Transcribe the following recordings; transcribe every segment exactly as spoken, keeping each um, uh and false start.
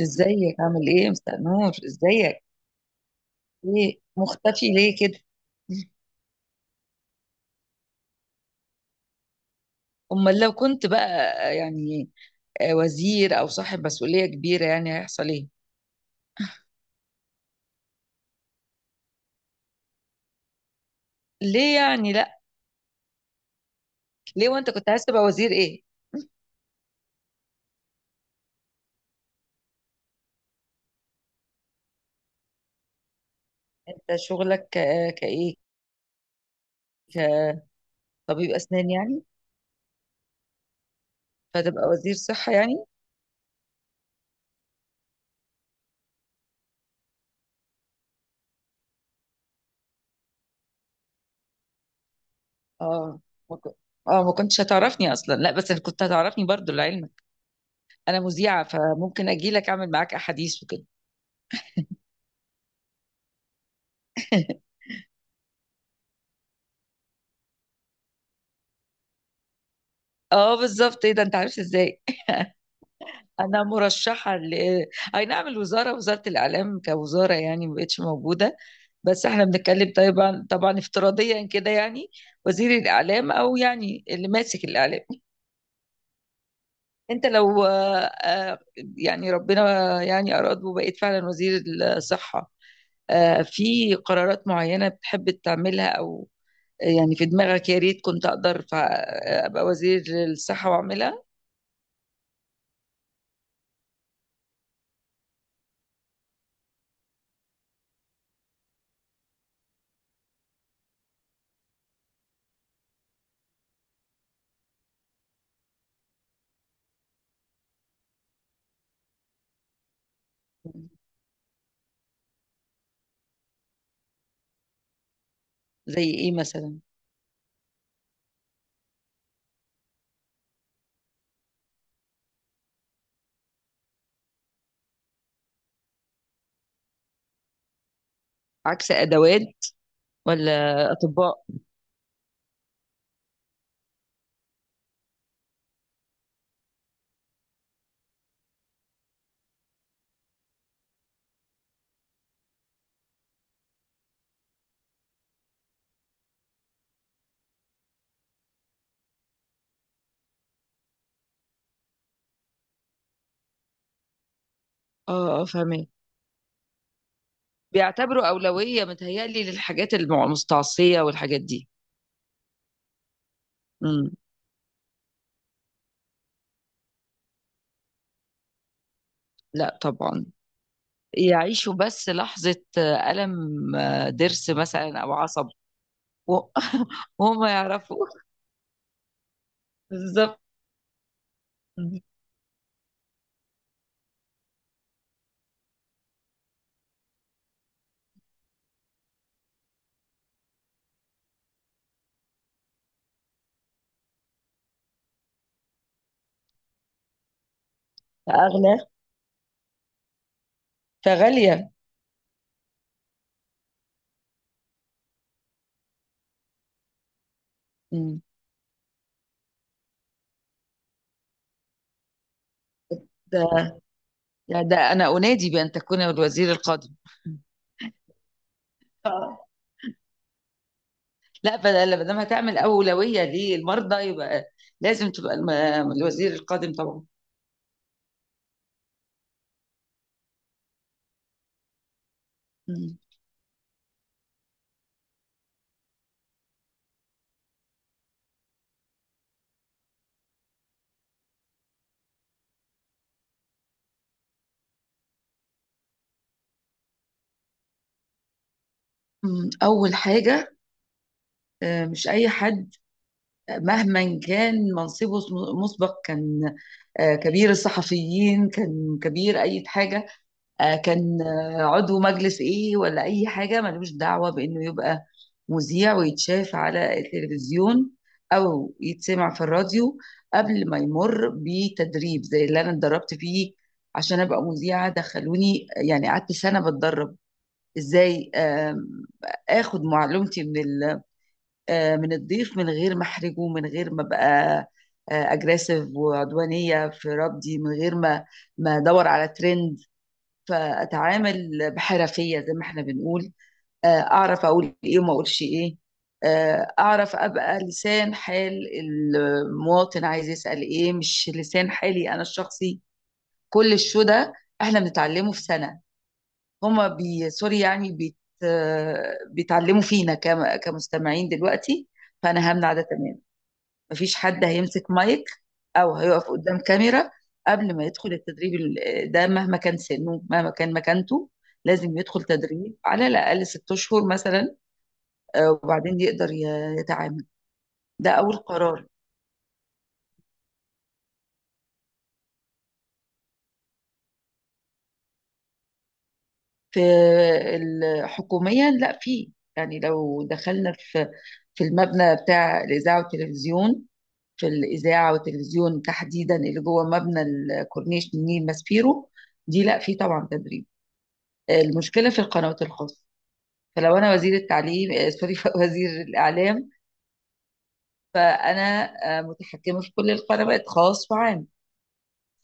ازيك؟ عامل ايه يا مستر نور؟ ازيك؟ ايه، مختفي ليه كده؟ امال لو كنت بقى، يعني آه، وزير او صاحب مسؤولية كبيرة، يعني هيحصل ايه؟ ليه يعني؟ لا. ليه؟ وانت كنت عايز تبقى وزير ايه؟ انت شغلك ك- كايه؟ كطبيب اسنان يعني؟ فتبقى وزير صحة يعني؟ اه، ما كن- اه، ما كنتش هتعرفني اصلا، لا بس كنت هتعرفني برضو لعلمك. انا مذيعة، فممكن اجي لك اعمل معاك احاديث وكده. اه، بالظبط، ايه ده، انت عارف ازاي؟ انا مرشحه ل- اي نعم، الوزاره، وزاره الاعلام كوزاره يعني ما بقتش موجوده. بس احنا بنتكلم طبعا طبعا افتراضيا كده يعني. وزير الاعلام، او يعني اللي ماسك الاعلام. انت لو آه، آه، يعني ربنا يعني اراد وبقيت فعلا وزير الصحه، آه، في قرارات معينه بتحب تعملها، او آه، يعني في دماغك، يا ريت كنت اقدر فا- ابقى وزير الصحه واعملها. زي ايه مثلا؟ عكس ادوات، ولا اطباء؟ اه، اه، فاهمة. بيعتبروا أولوية متهيألي للحاجات المع- المستعصية والحاجات دي. امم. لا طبعا. يعيشوا بس لحظة آه، ألم، آه، ضرس مثلا أو عصب. و- وهم يعرفوا. بالظبط. مم. أغلى. فغالية. مم. ده ده ده، أنا أنادي بأن تكون الوزير القادم. آه. لا، بدل ما دام هتعمل أولوية للمرضى يبقى لازم تبقى الم- آه، الوزير القادم طبعا. مم. مم. أول حاجة: آه، مش أي حد مهما كان منصبه، مسبق كان آه، كبير الصحفيين، كان كبير أي حاجة، آه، كان آه، عضو مجلس إيه ولا أي حاجة، ملوش دعوة بإنه يبقى مذيع ويتشاف على التلفزيون أو يتسمع في الراديو، قبل ما يمر بتدريب زي اللي أنا اتدربت فيه عشان أبقى مذيعة. دخلوني، يعني قعدت سنة بتدرب إزاي آم، آخد معلومتي من ال آه، من الضيف، من غير ما احرجه، من غير ما ابقى اجريسيف وعدوانيه في ردي، من غير ما ما ادور على ترند. فاتعامل بحرفيه، زي ما احنا بنقول، آه، اعرف اقول ايه وما اقولش ايه، آه، اعرف ابقى لسان حال المواطن، عايز يسال ايه، مش لسان حالي انا الشخصي. كل الشو ده احنا بنتعلمه في سنه. هما، بي سوري يعني، بيت آه، بيتعلموا فينا كم- كمستمعين دلوقتي. فانا همنع ده تماما. مفيش حد هيمسك مايك او هيقف قدام كاميرا قبل ما يدخل التدريب ال- ده، مهما كان سنه، مهما كان مكانته. لازم يدخل تدريب على الاقل ست اشهر مثلا، آه، وبعدين يقدر ي- يتعامل. ده اول قرار. في ال- حكوميا لا، في، يعني لو دخلنا في في المبنى بتاع الاذاعه والتلفزيون، في الاذاعه والتلفزيون تحديدا، اللي جوه مبنى الكورنيش من نيل ماسبيرو، دي لا، في طبعا تدريب. المشكله في القنوات الخاصه. فلو انا وزير التعليم، آه، سوري وزير الاعلام، فانا آه، متحكمه في كل القنوات، خاص وعام.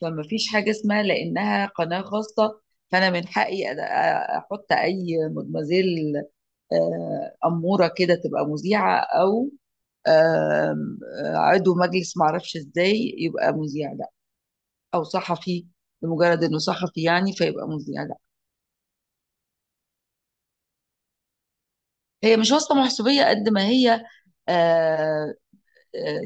فما فيش حاجه اسمها لانها قناه خاصه، فانا من حقي أد- آه، احط اي مدمزيل آه، اموره كده تبقى مذيعه، او آم، آه، عضو مجلس معرفش ازاي يبقى مذيع، لا. او صحفي، لمجرد انه صحفي يعني فيبقى مذيع، لا. هي مش واسطه محسوبيه قد ما هي، آه،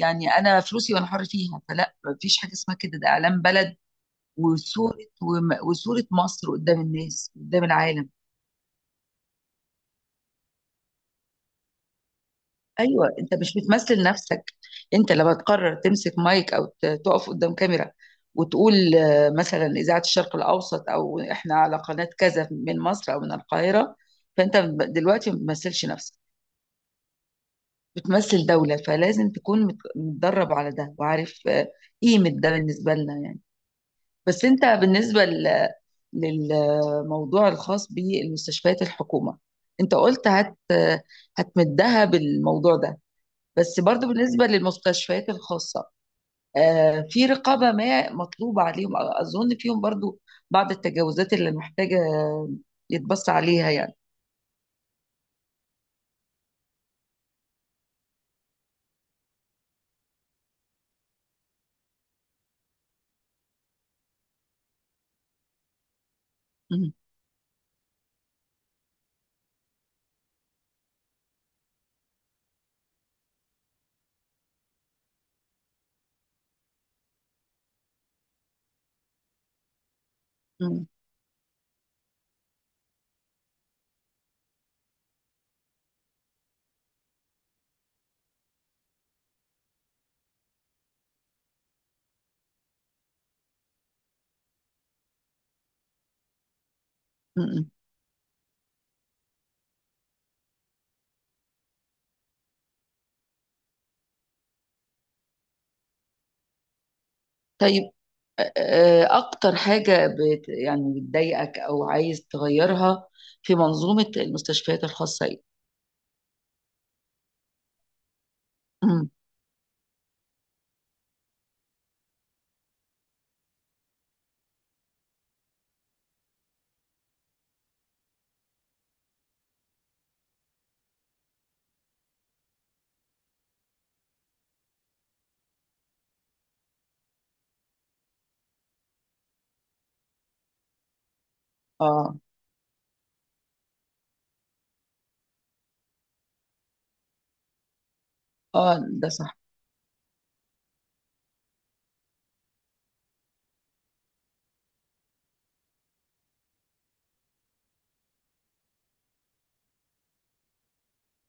يعني انا فلوسي وانا حر فيها، فلا، مفيش حاجه اسمها كده، ده اعلام بلد وصوره، وم- وصوره مصر قدام الناس، قدام العالم. ايوه، انت مش بتمثل نفسك. انت لما تقرر تمسك مايك او ت- تقف قدام كاميرا وتقول آه، مثلا اذاعه الشرق الاوسط، او احنا على قناه كذا من مصر او من القاهره، فانت ب- دلوقتي ما بتمثلش نفسك، بتمثل دوله. فلازم تكون مت- متدرب على ده، وعارف آه، قيمه ده بالنسبه لنا يعني. بس انت بالنسبه ل- للموضوع الخاص بالمستشفيات الحكومه، انت قلت هت هتمدها بالموضوع ده. بس برضو بالنسبه للمستشفيات الخاصه، آه، في رقابه ما مطلوبه عليهم، اظن فيهم برضو بعض التجاوزات اللي محتاجه يتبص عليها يعني. مم. مم. مم. طيب، آه، آه، اكتر حاجه بت يعني بتضايقك او عايز تغيرها في منظومه المستشفيات الخاصه ايه؟ مم. اه، اه، ده صح.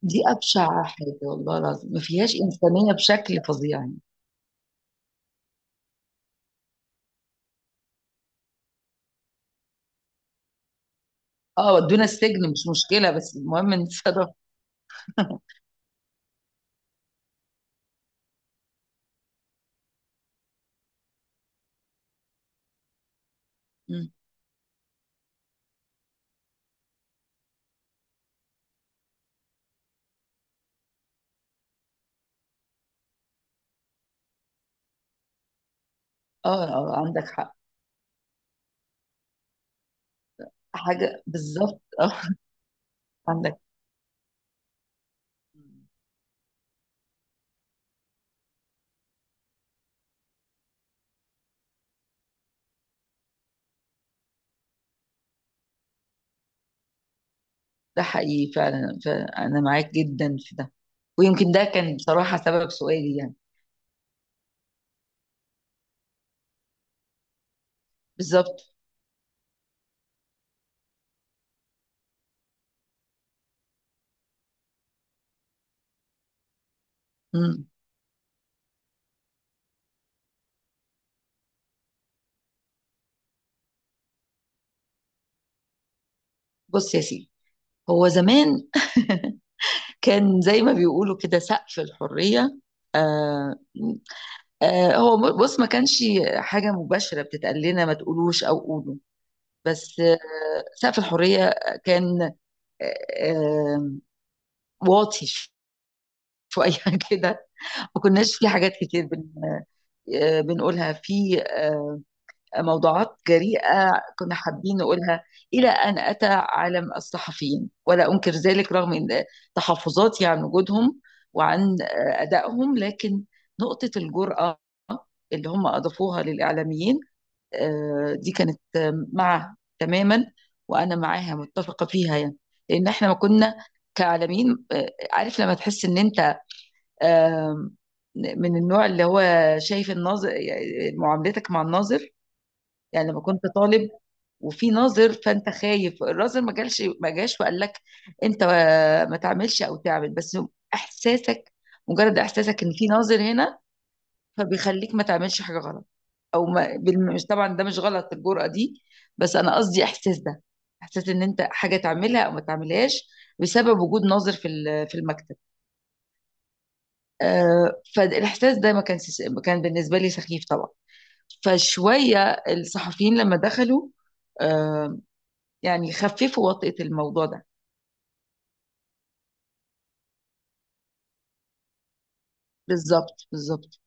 دي ابشع حاجه، والله العظيم ما فيهاش انسانيه بشكل فظيع يعني. اه، ودونا السجن مش مشكله، بس المهم نتصرف. مم. اه، اه، عندك حق. حاجه بالظبط، اه، عندك. ده حقيقي فعلا، فانا معاك جدا في ده، ويمكن ده كان بصراحه سبب سؤالي يعني. بالظبط. مم. بص يا سيدي، هو زمان كان زي ما بيقولوا كده سقف الحريه، آه آه، هو ب- بص، ما كانش حاجة مباشرة بتتقال لنا: ما تقولوش أو قولوا، بس آه، سقف الحرية كان آه، آه، واطي شوية كده. ما كناش في حاجات كتير بن- آه، بنقولها في آه، موضوعات جريئة كنا حابين نقولها، إلى أن أتى عالم الصحفيين، ولا أنكر ذلك رغم إن تحفظاتي عن وجودهم وعن آه، أدائهم، لكن نقطة الجرأة اللي هم أضافوها للإعلاميين آه، دي كانت آه، معها تماما، وانا معاها متفقه فيها يعني. لان احنا ما كنا كعالمين، آه، عارف لما تحس ان انت آه، من النوع اللي هو شايف الناظر، يعني معاملتك مع الناظر، يعني لما كنت طالب وفي ناظر، فانت خايف الناظر ما جالش ما جاش وقال لك انت آه، ما تعملش او تعمل، بس احساسك، مجرد احساسك ان في ناظر هنا فبيخليك ما تعملش حاجة غلط، او ما بالم- مش، طبعا ده مش غلط الجرأة دي، بس انا قصدي احساس ده، احساس ان انت حاجة تعملها او ما تعملهاش بسبب وجود ناظر في ال- في المكتب. آه، فالاحساس ده ما كان كان بالنسبة لي سخيف طبعا. فشوية الصحفيين لما دخلوا آه، يعني خففوا وطئة الموضوع ده. بالظبط، بالظبط.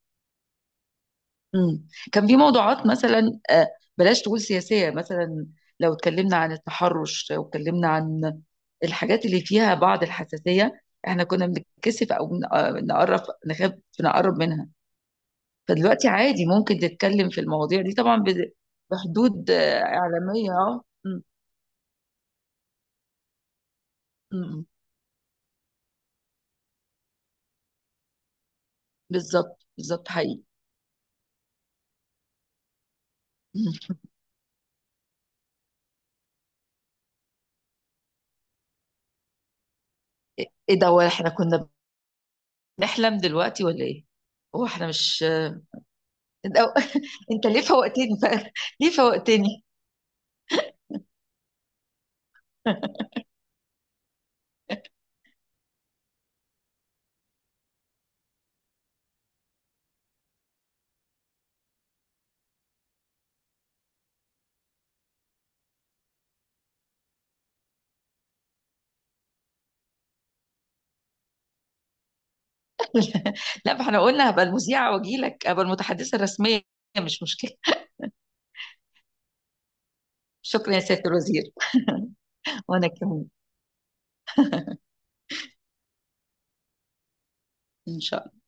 امم. كان في موضوعات مثلا، آه، بلاش تقول سياسية مثلا، لو اتكلمنا عن التحرش، لو اتكلمنا عن الحاجات اللي فيها بعض الحساسية، احنا كنا بنتكسف او بن- آه، نقرب، نخاف نقرب منها. فدلوقتي عادي ممكن تتكلم في المواضيع دي، طبعا ب- بحدود آه، إعلامية اه أمم، أمم. بالظبط، بالظبط، حقيقي. أمم. ايه ده؟ واحنا كنا بنحلم دلوقتي ولا ايه؟ هو احنا مش إيه ده؟ انت ليه فوقتني بقى؟ ليه فوقتني؟ لا، ما احنا قلنا هبقى المذيعة واجي لك، هبقى المتحدثة الرسمية. مش مشكلة. شكرا يا سيادة الوزير. وانا كمان. ان شاء الله.